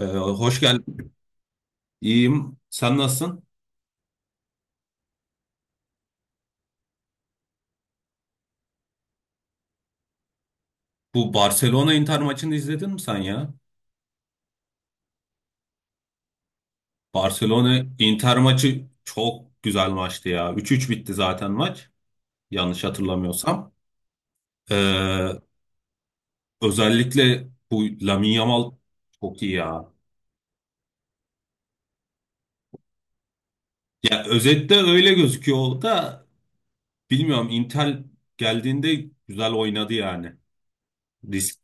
Hoş geldin. İyiyim. Sen nasılsın? Bu Barcelona Inter maçını izledin mi sen ya? Barcelona Inter maçı çok güzel maçtı ya. 3-3 bitti zaten maç. Yanlış hatırlamıyorsam. Ee, Özellikle bu Lamine Yamal çok iyi ya. Ya özette öyle gözüküyor o da bilmiyorum Inter geldiğinde güzel oynadı yani. Risk.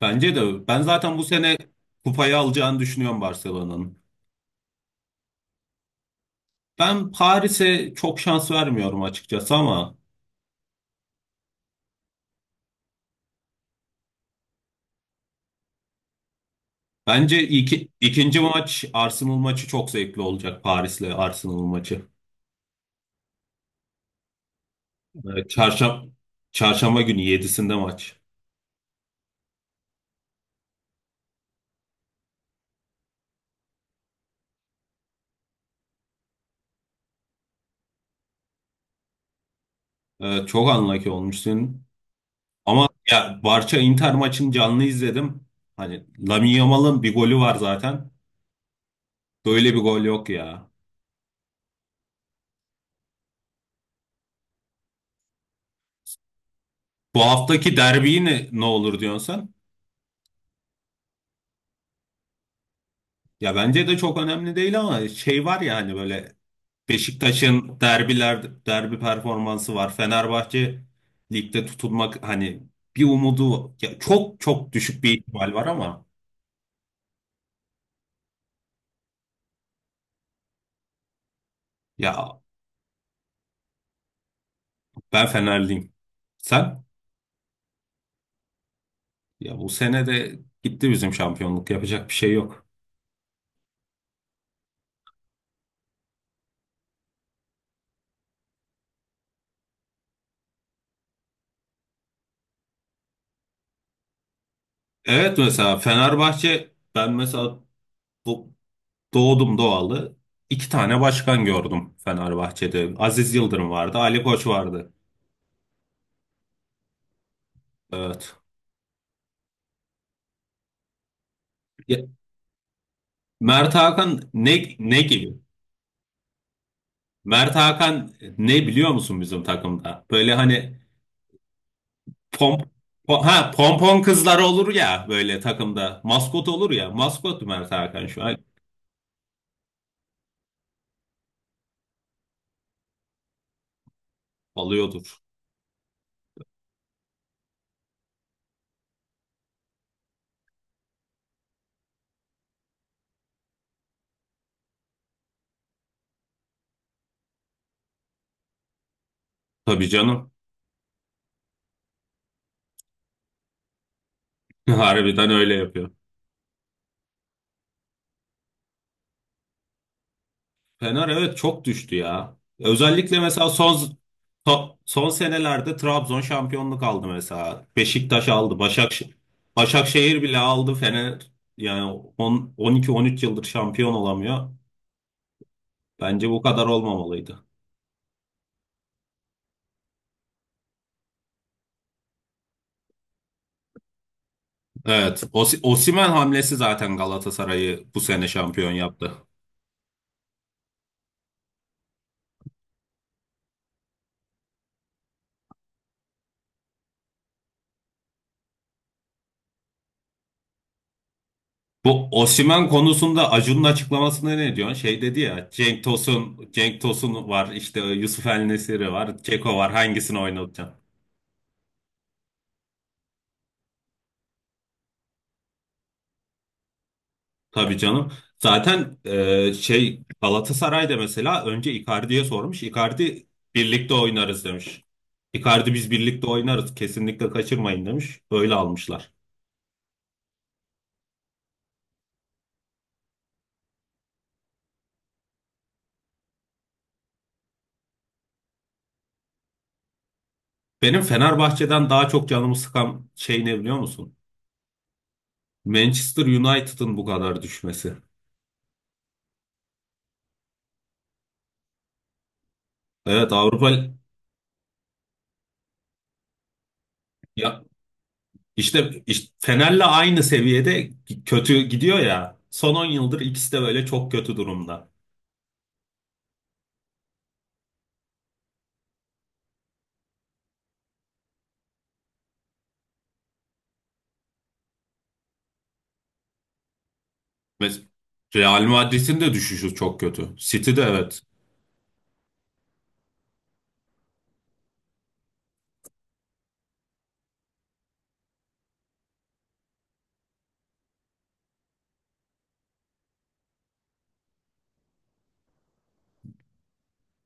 Bence de ben zaten bu sene kupayı alacağını düşünüyorum Barcelona'nın. Ben Paris'e çok şans vermiyorum açıkçası ama bence ikinci maç Arsenal maçı çok zevkli olacak Paris'le Arsenal maçı. Çarşamba, Çarşamba günü yedisinde maç. Çok unlucky olmuşsun. Ama ya Barça Inter maçını canlı izledim. Hani Lamine Yamal'ın bir golü var zaten. Böyle bir gol yok ya. Bu haftaki derbiyi ne olur diyorsun sen? Ya bence de çok önemli değil ama şey var ya hani böyle Beşiktaş'ın derbi performansı var. Fenerbahçe ligde tutunmak hani bir umudu ya çok çok düşük bir ihtimal var ama ya ben Fenerliyim. Sen? Ya bu sene de gitti bizim şampiyonluk, yapacak bir şey yok. Evet mesela Fenerbahçe, ben mesela bu, doğdum doğalı iki tane başkan gördüm Fenerbahçe'de. Aziz Yıldırım vardı, Ali Koç vardı. Evet. Ya, Mert Hakan ne gibi? Mert Hakan, ne biliyor musun bizim takımda? Böyle hani pomp pompon kızlar olur ya böyle takımda. Maskot olur ya. Maskot Mert Hakan şu an alıyordur. Tabii canım. Harbiden öyle yapıyor. Fener evet çok düştü ya. Özellikle mesela son senelerde Trabzon şampiyonluk aldı mesela. Beşiktaş aldı. Başakşehir bile aldı. Fener yani 10 12 13 yıldır şampiyon olamıyor. Bence bu kadar olmamalıydı. Evet. Osimhen hamlesi zaten Galatasaray'ı bu sene şampiyon yaptı. Bu Osimhen konusunda Acun'un açıklamasına ne diyorsun? Şey dedi ya Cenk Tosun, var işte, Yusuf El Nesiri var, Ceko var, hangisini oynatacaksın? Tabii canım. Zaten şey, Galatasaray'da mesela önce Icardi'ye sormuş. Icardi birlikte oynarız demiş. Icardi biz birlikte oynarız kesinlikle kaçırmayın demiş. Öyle almışlar. Benim Fenerbahçe'den daha çok canımı sıkan şey ne biliyor musun? Manchester United'ın bu kadar düşmesi. Evet, Avrupa ya işte Fener'le aynı seviyede kötü gidiyor ya. Son 10 yıldır ikisi de böyle çok kötü durumda. Mes- Real Madrid'in de düşüşü çok kötü. City de evet.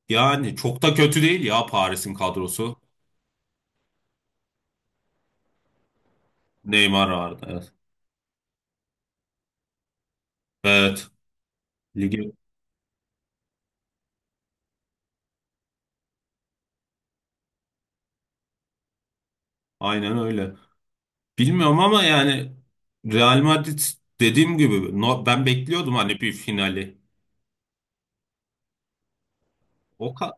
Yani çok da kötü değil ya Paris'in kadrosu. Neymar vardı. Evet. Evet. Ligi aynen öyle. Bilmiyorum ama yani Real Madrid dediğim gibi, ben bekliyordum hani bir finali. O kadar.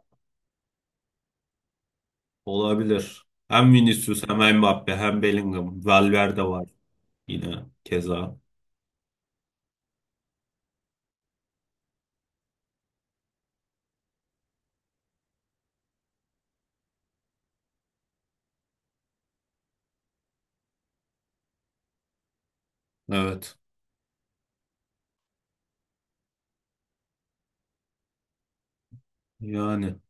Olabilir. Hem Vinicius hem Mbappe hem Bellingham. Valverde var yine keza. Evet. Yani.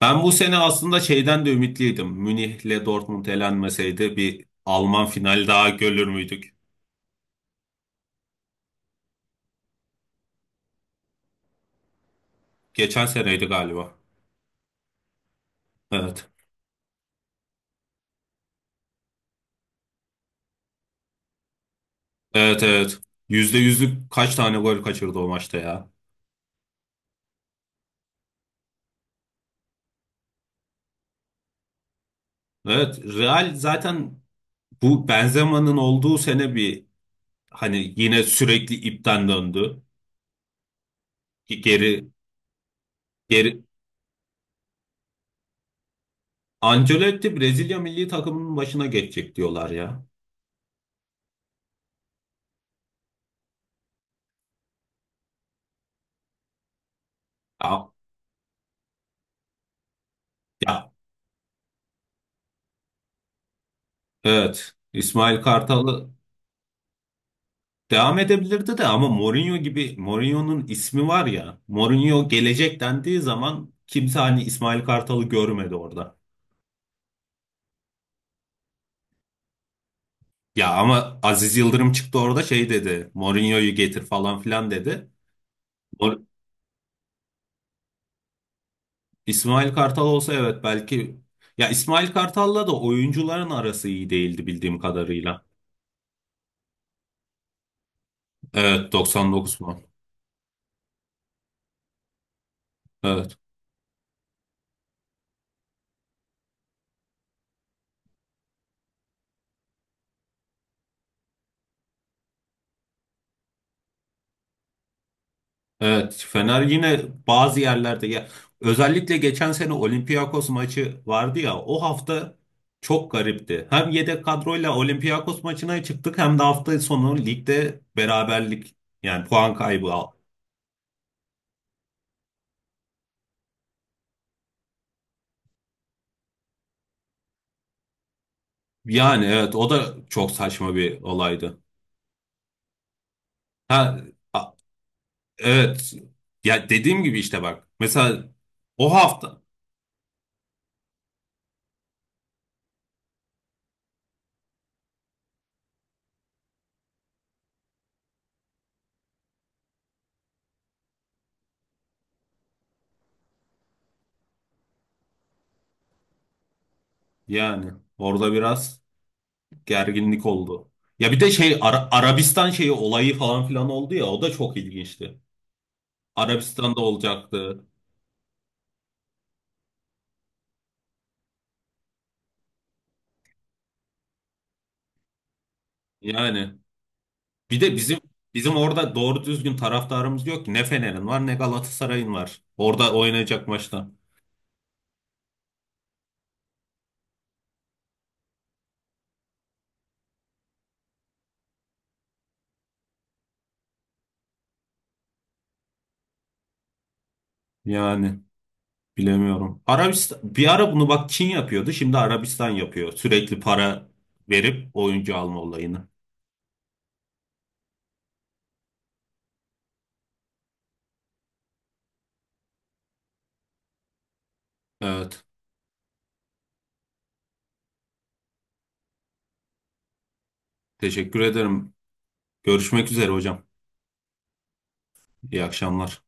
Ben bu sene aslında şeyden de ümitliydim. Münih'le Dortmund elenmeseydi bir Alman final daha görür müydük? Geçen seneydi galiba. Evet. Evet evet. Yüzde yüzlük kaç tane gol kaçırdı o maçta ya. Evet. Real zaten bu Benzema'nın olduğu sene bir hani yine sürekli ipten döndü. Geri geri Ancelotti Brezilya milli takımının başına geçecek diyorlar ya. Ya, ya evet. İsmail Kartal'ı devam edebilirdi de ama Mourinho gibi, Mourinho'nun ismi var ya. Mourinho gelecek dendiği zaman kimse hani İsmail Kartal'ı görmedi orada. Ya ama Aziz Yıldırım çıktı orada şey dedi, Mourinho'yu getir falan filan dedi. Mor- İsmail Kartal olsa evet belki, ya İsmail Kartal'la da oyuncuların arası iyi değildi bildiğim kadarıyla. Evet, 99 mu? Evet, Fener yine bazı yerlerde ya, özellikle geçen sene Olympiakos maçı vardı ya, o hafta çok garipti. Hem yedek kadroyla Olympiakos maçına çıktık hem de hafta sonu ligde beraberlik, yani puan kaybı. Al- Yani evet, o da çok saçma bir olaydı. Ha a- evet, ya dediğim gibi işte bak mesela o hafta, yani orada biraz gerginlik oldu. Ya bir de şey Arabistan şeyi olayı falan filan oldu ya, o da çok ilginçti. Arabistan'da olacaktı. Yani bir de bizim orada doğru düzgün taraftarımız yok ki. Ne Fener'in var ne Galatasaray'ın var. Orada oynayacak maçta. Yani bilemiyorum. Arabistan, bir ara bunu bak Çin yapıyordu. Şimdi Arabistan yapıyor. Sürekli para verip oyuncu alma olayını. Evet. Teşekkür ederim. Görüşmek üzere hocam. İyi akşamlar.